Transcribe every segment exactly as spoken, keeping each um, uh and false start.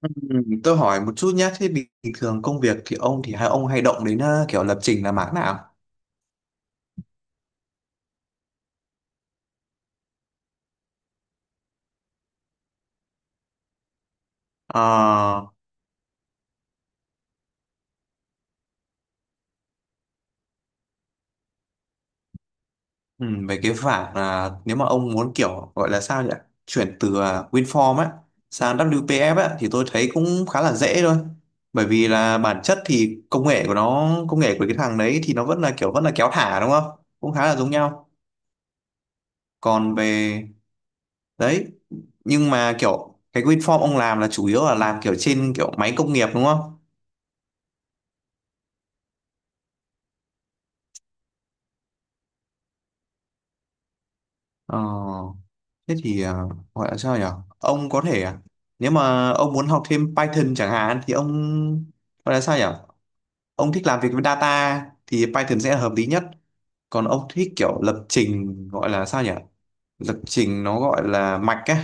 Ừ, tôi hỏi một chút nhé, thế bình bình thường công việc thì ông thì hai ông hay động đến ờ, kiểu lập trình là mảng nào? Ờ. Ừ, về cái mảng, là nếu mà ông muốn kiểu gọi là sao nhỉ? Chuyển từ ờ, WinForm á sang vê kép pê ép á thì tôi thấy cũng khá là dễ thôi. Bởi vì là bản chất thì công nghệ của nó, công nghệ của cái thằng đấy thì nó vẫn là kiểu vẫn là kéo thả đúng không? Cũng khá là giống nhau. Còn về đấy, nhưng mà kiểu cái WinForm ông làm là chủ yếu là làm kiểu trên kiểu máy công nghiệp đúng không? Ờ. Thế thì à, gọi là sao nhỉ? Ông có thể à, nếu mà ông muốn học thêm Python chẳng hạn thì ông gọi là sao nhỉ? Ông thích làm việc với data thì Python sẽ là hợp lý nhất. Còn ông thích kiểu lập trình gọi là sao nhỉ? Lập trình nó gọi là mạch ấy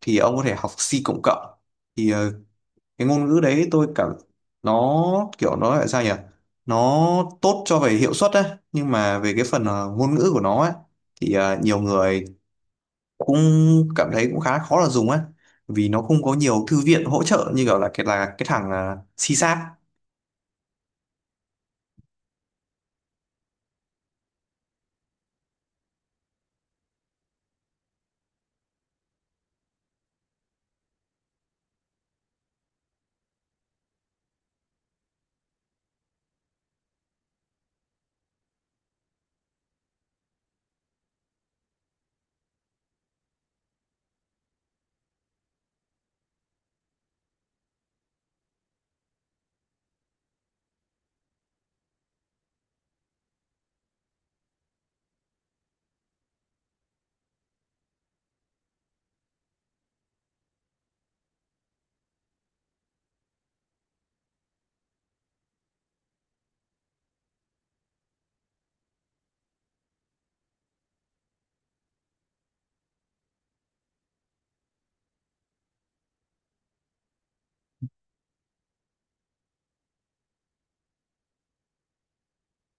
thì ông có thể học C cộng cộng. Thì ờ, cái ngôn ngữ đấy tôi cảm nó kiểu nó là sao nhỉ? Nó tốt cho về hiệu suất ấy, nhưng mà về cái phần ờ, ngôn ngữ của nó ấy thì ờ, nhiều người cũng cảm thấy cũng khá khó là dùng á, vì nó không có nhiều thư viện hỗ trợ như kiểu là cái là cái thằng uh, C-Sharp.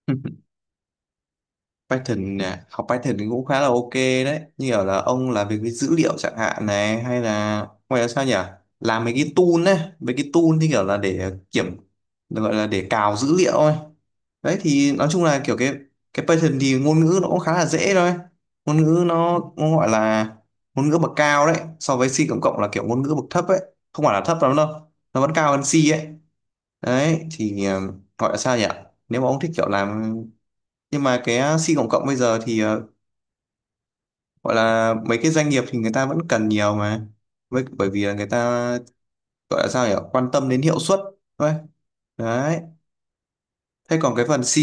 Python nè, học Python thì cũng khá là ok đấy, như kiểu là ông làm việc với dữ liệu chẳng hạn này hay là ngoài ra sao nhỉ, làm mấy cái tool ấy, mấy cái tool như kiểu là để kiểm, gọi là để cào dữ liệu ấy. Đấy thì nói chung là kiểu cái cái Python thì ngôn ngữ nó cũng khá là dễ thôi. Ngôn ngữ nó nó gọi là ngôn ngữ bậc cao đấy, so với C cộng cộng là kiểu ngôn ngữ bậc thấp ấy. Không phải là thấp lắm đâu, nó vẫn cao hơn C ấy. Đấy thì ờ, gọi là sao nhỉ, nếu mà ông thích kiểu làm, nhưng mà cái ờ, C cộng cộng bây giờ thì ờ, gọi là mấy cái doanh nghiệp thì người ta vẫn cần nhiều mà, với bởi vì là người ta gọi là sao nhỉ, quan tâm đến hiệu suất thôi. Đấy. Thế còn cái phần C,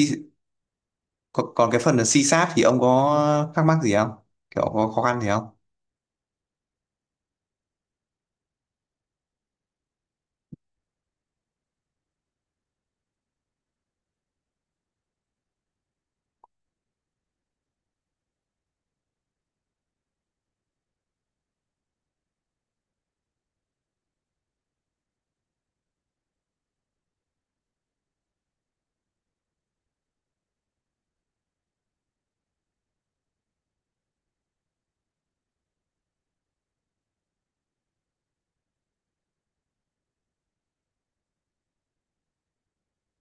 còn, còn cái phần là xi sát thì ông có thắc mắc gì không, kiểu có khó khăn gì không?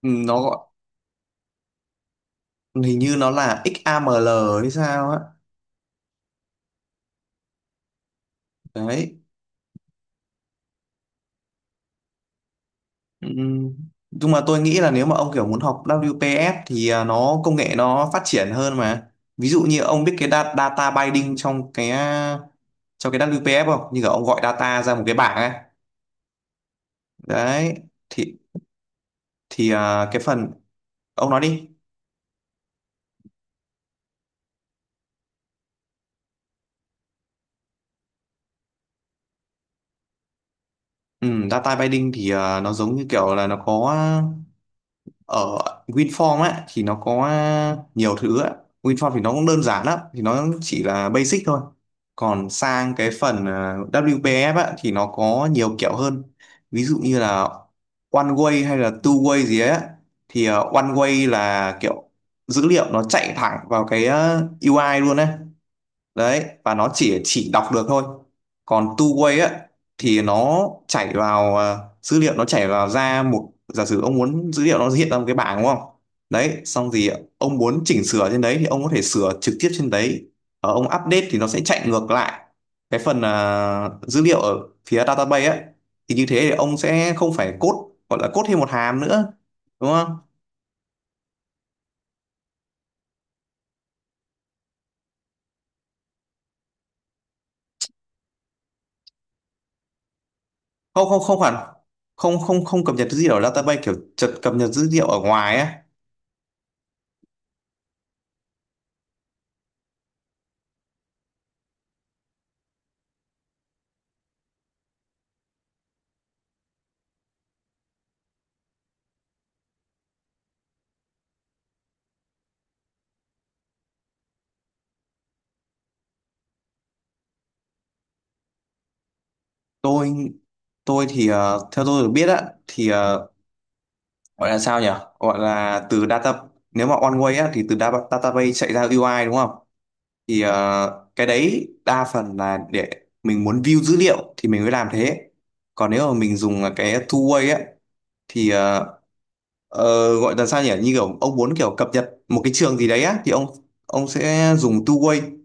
Ừ, nó gọi- hình như nó là ích a em lờ hay sao á. Đấy. Ừ, nhưng mà tôi nghĩ là nếu mà ông kiểu muốn học vê kép pê ép thì à, nó công nghệ nó phát triển hơn mà. Ví dụ như ông biết cái data, data binding trong cái à, trong cái vê kép pê ép không, như kiểu ông gọi data ra một cái bảng ấy. Đấy thì, thì à, cái phần, ông nói đi. Ừ, data binding thì à, nó giống như kiểu là nó có ở WinForm á thì nó có nhiều thứ á, WinForm thì nó cũng đơn giản lắm thì nó chỉ là basic thôi. Còn sang cái phần à, vê kép pê ép á thì nó có nhiều kiểu hơn. Ví dụ như là one way hay là two way gì ấy á. Thì à, one way là kiểu dữ liệu nó chạy thẳng vào cái à, u i luôn ấy. Đấy, và nó chỉ chỉ đọc được thôi. Còn two-way á thì nó chảy vào à, dữ liệu nó chảy vào ra một, giả sử ông muốn dữ liệu nó hiện ra một cái bảng đúng không. Đấy xong thì ông muốn chỉnh sửa trên đấy thì ông có thể sửa trực tiếp trên đấy, ở ông update thì nó sẽ chạy ngược lại cái phần à, dữ liệu ở phía database á. Thì như thế thì ông sẽ không phải code, gọi là code thêm một hàm nữa đúng không? Không, không, không hẳn. Không, không, không cập nhật dữ liệu ở database, kiểu chật cập nhật dữ liệu ở ngoài á. Tôi tôi thì ờ, theo tôi được biết á thì ờ, gọi là sao nhỉ, gọi là từ data, nếu mà one way á thì từ data, database chạy ra u i đúng không. Thì ờ, cái đấy đa phần là để mình muốn view dữ liệu thì mình mới làm thế. Còn nếu mà mình dùng là cái two way á thì ờ, ờ, gọi là sao nhỉ, như kiểu ông muốn kiểu cập nhật một cái trường gì đấy á thì ông ông sẽ dùng two way.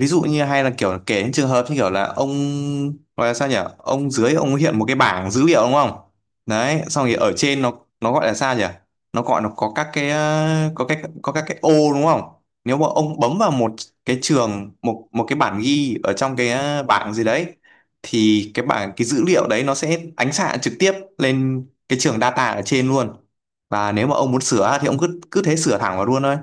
Ví dụ như hay là kiểu kể những trường hợp như kiểu là ông gọi là sao nhỉ, ông dưới ông hiện một cái bảng dữ liệu đúng không. Đấy xong thì ở trên nó nó gọi là sao nhỉ, nó gọi nó có các cái ờ, có cái có các cái ô đúng không. Nếu mà ông bấm vào một cái trường, một một cái bản ghi ở trong cái ờ, bảng gì đấy, thì cái bảng cái dữ liệu đấy nó sẽ ánh xạ trực tiếp lên cái trường data ở trên luôn. Và nếu mà ông muốn sửa thì ông cứ cứ thế sửa thẳng vào luôn thôi.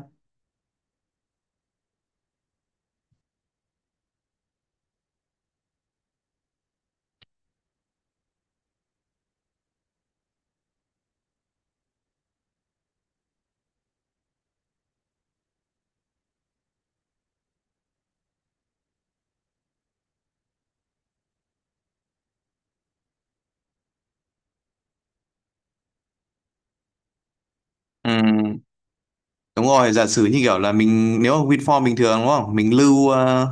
Ừ. Đúng rồi, giả sử như kiểu là mình, nếu mà WinForm bình thường đúng không? Mình lưu ờ,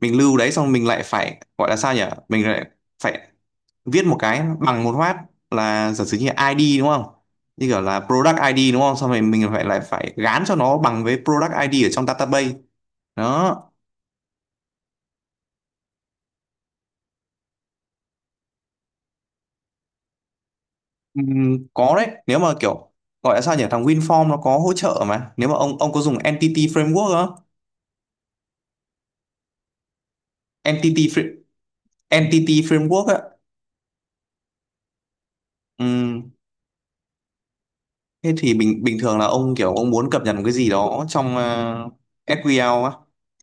mình lưu đấy xong mình lại phải gọi là sao nhỉ? Mình lại phải viết một cái, bằng một phát là giả sử như là i đê đúng không? Như kiểu là product i đê đúng không? Xong rồi mình phải lại phải gán cho nó bằng với product i đê ở trong database. Đó. Ừm, có đấy, nếu mà kiểu gọi là sao nhỉ? Thằng WinForm nó có hỗ trợ mà. Nếu mà ông ông có dùng Entity Framework không? Entity Fra- Entity Framework á. Ừm, Thế thì bình bình thường là ông kiểu ông muốn cập nhật một cái gì đó trong uh, ét quy eo á,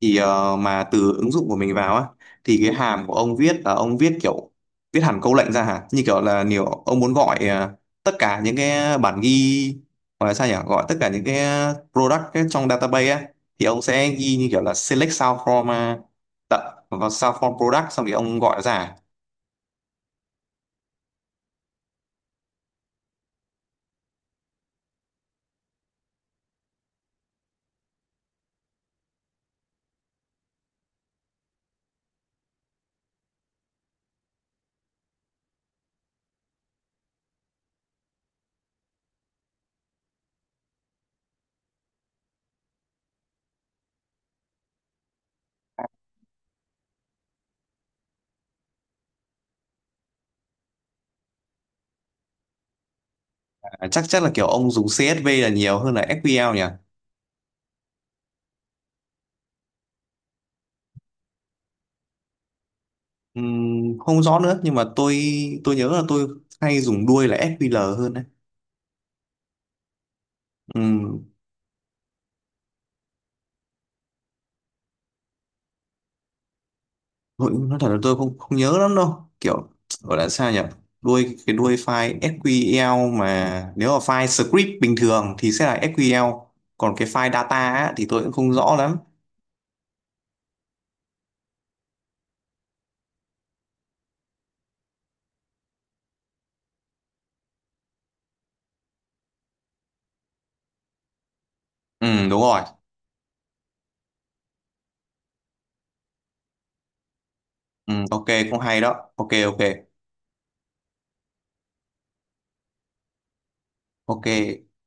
thì ờ, mà từ ứng dụng của mình vào á thì cái hàm của ông viết là ông viết kiểu viết hẳn câu lệnh ra hả? Như kiểu là nhiều ông muốn gọi ờ, tất cả những cái bản ghi, gọi là sao nhỉ? Gọi tất cả những cái product ấy trong database á, thì ông sẽ ghi như kiểu là select sao from uh, vào sao from product, xong thì ông gọi ra. À, Chắc chắc là kiểu ông dùng xê ét vê là nhiều hơn là ét kiu eo nhỉ? Ừm, không rõ nữa nhưng mà tôi tôi nhớ là tôi hay dùng đuôi là ép quy eo hơn đấy. Ừm, nội dung nói thật là tôi không không nhớ lắm đâu, kiểu gọi là sao nhỉ, đuôi cái đuôi file ét quy eo, mà nếu là file script bình thường thì sẽ là ét quy eo, còn cái file data á, thì tôi cũng không rõ lắm. Ừ đúng rồi. Ừ, ok, cũng hay đó, ok, ok, ok.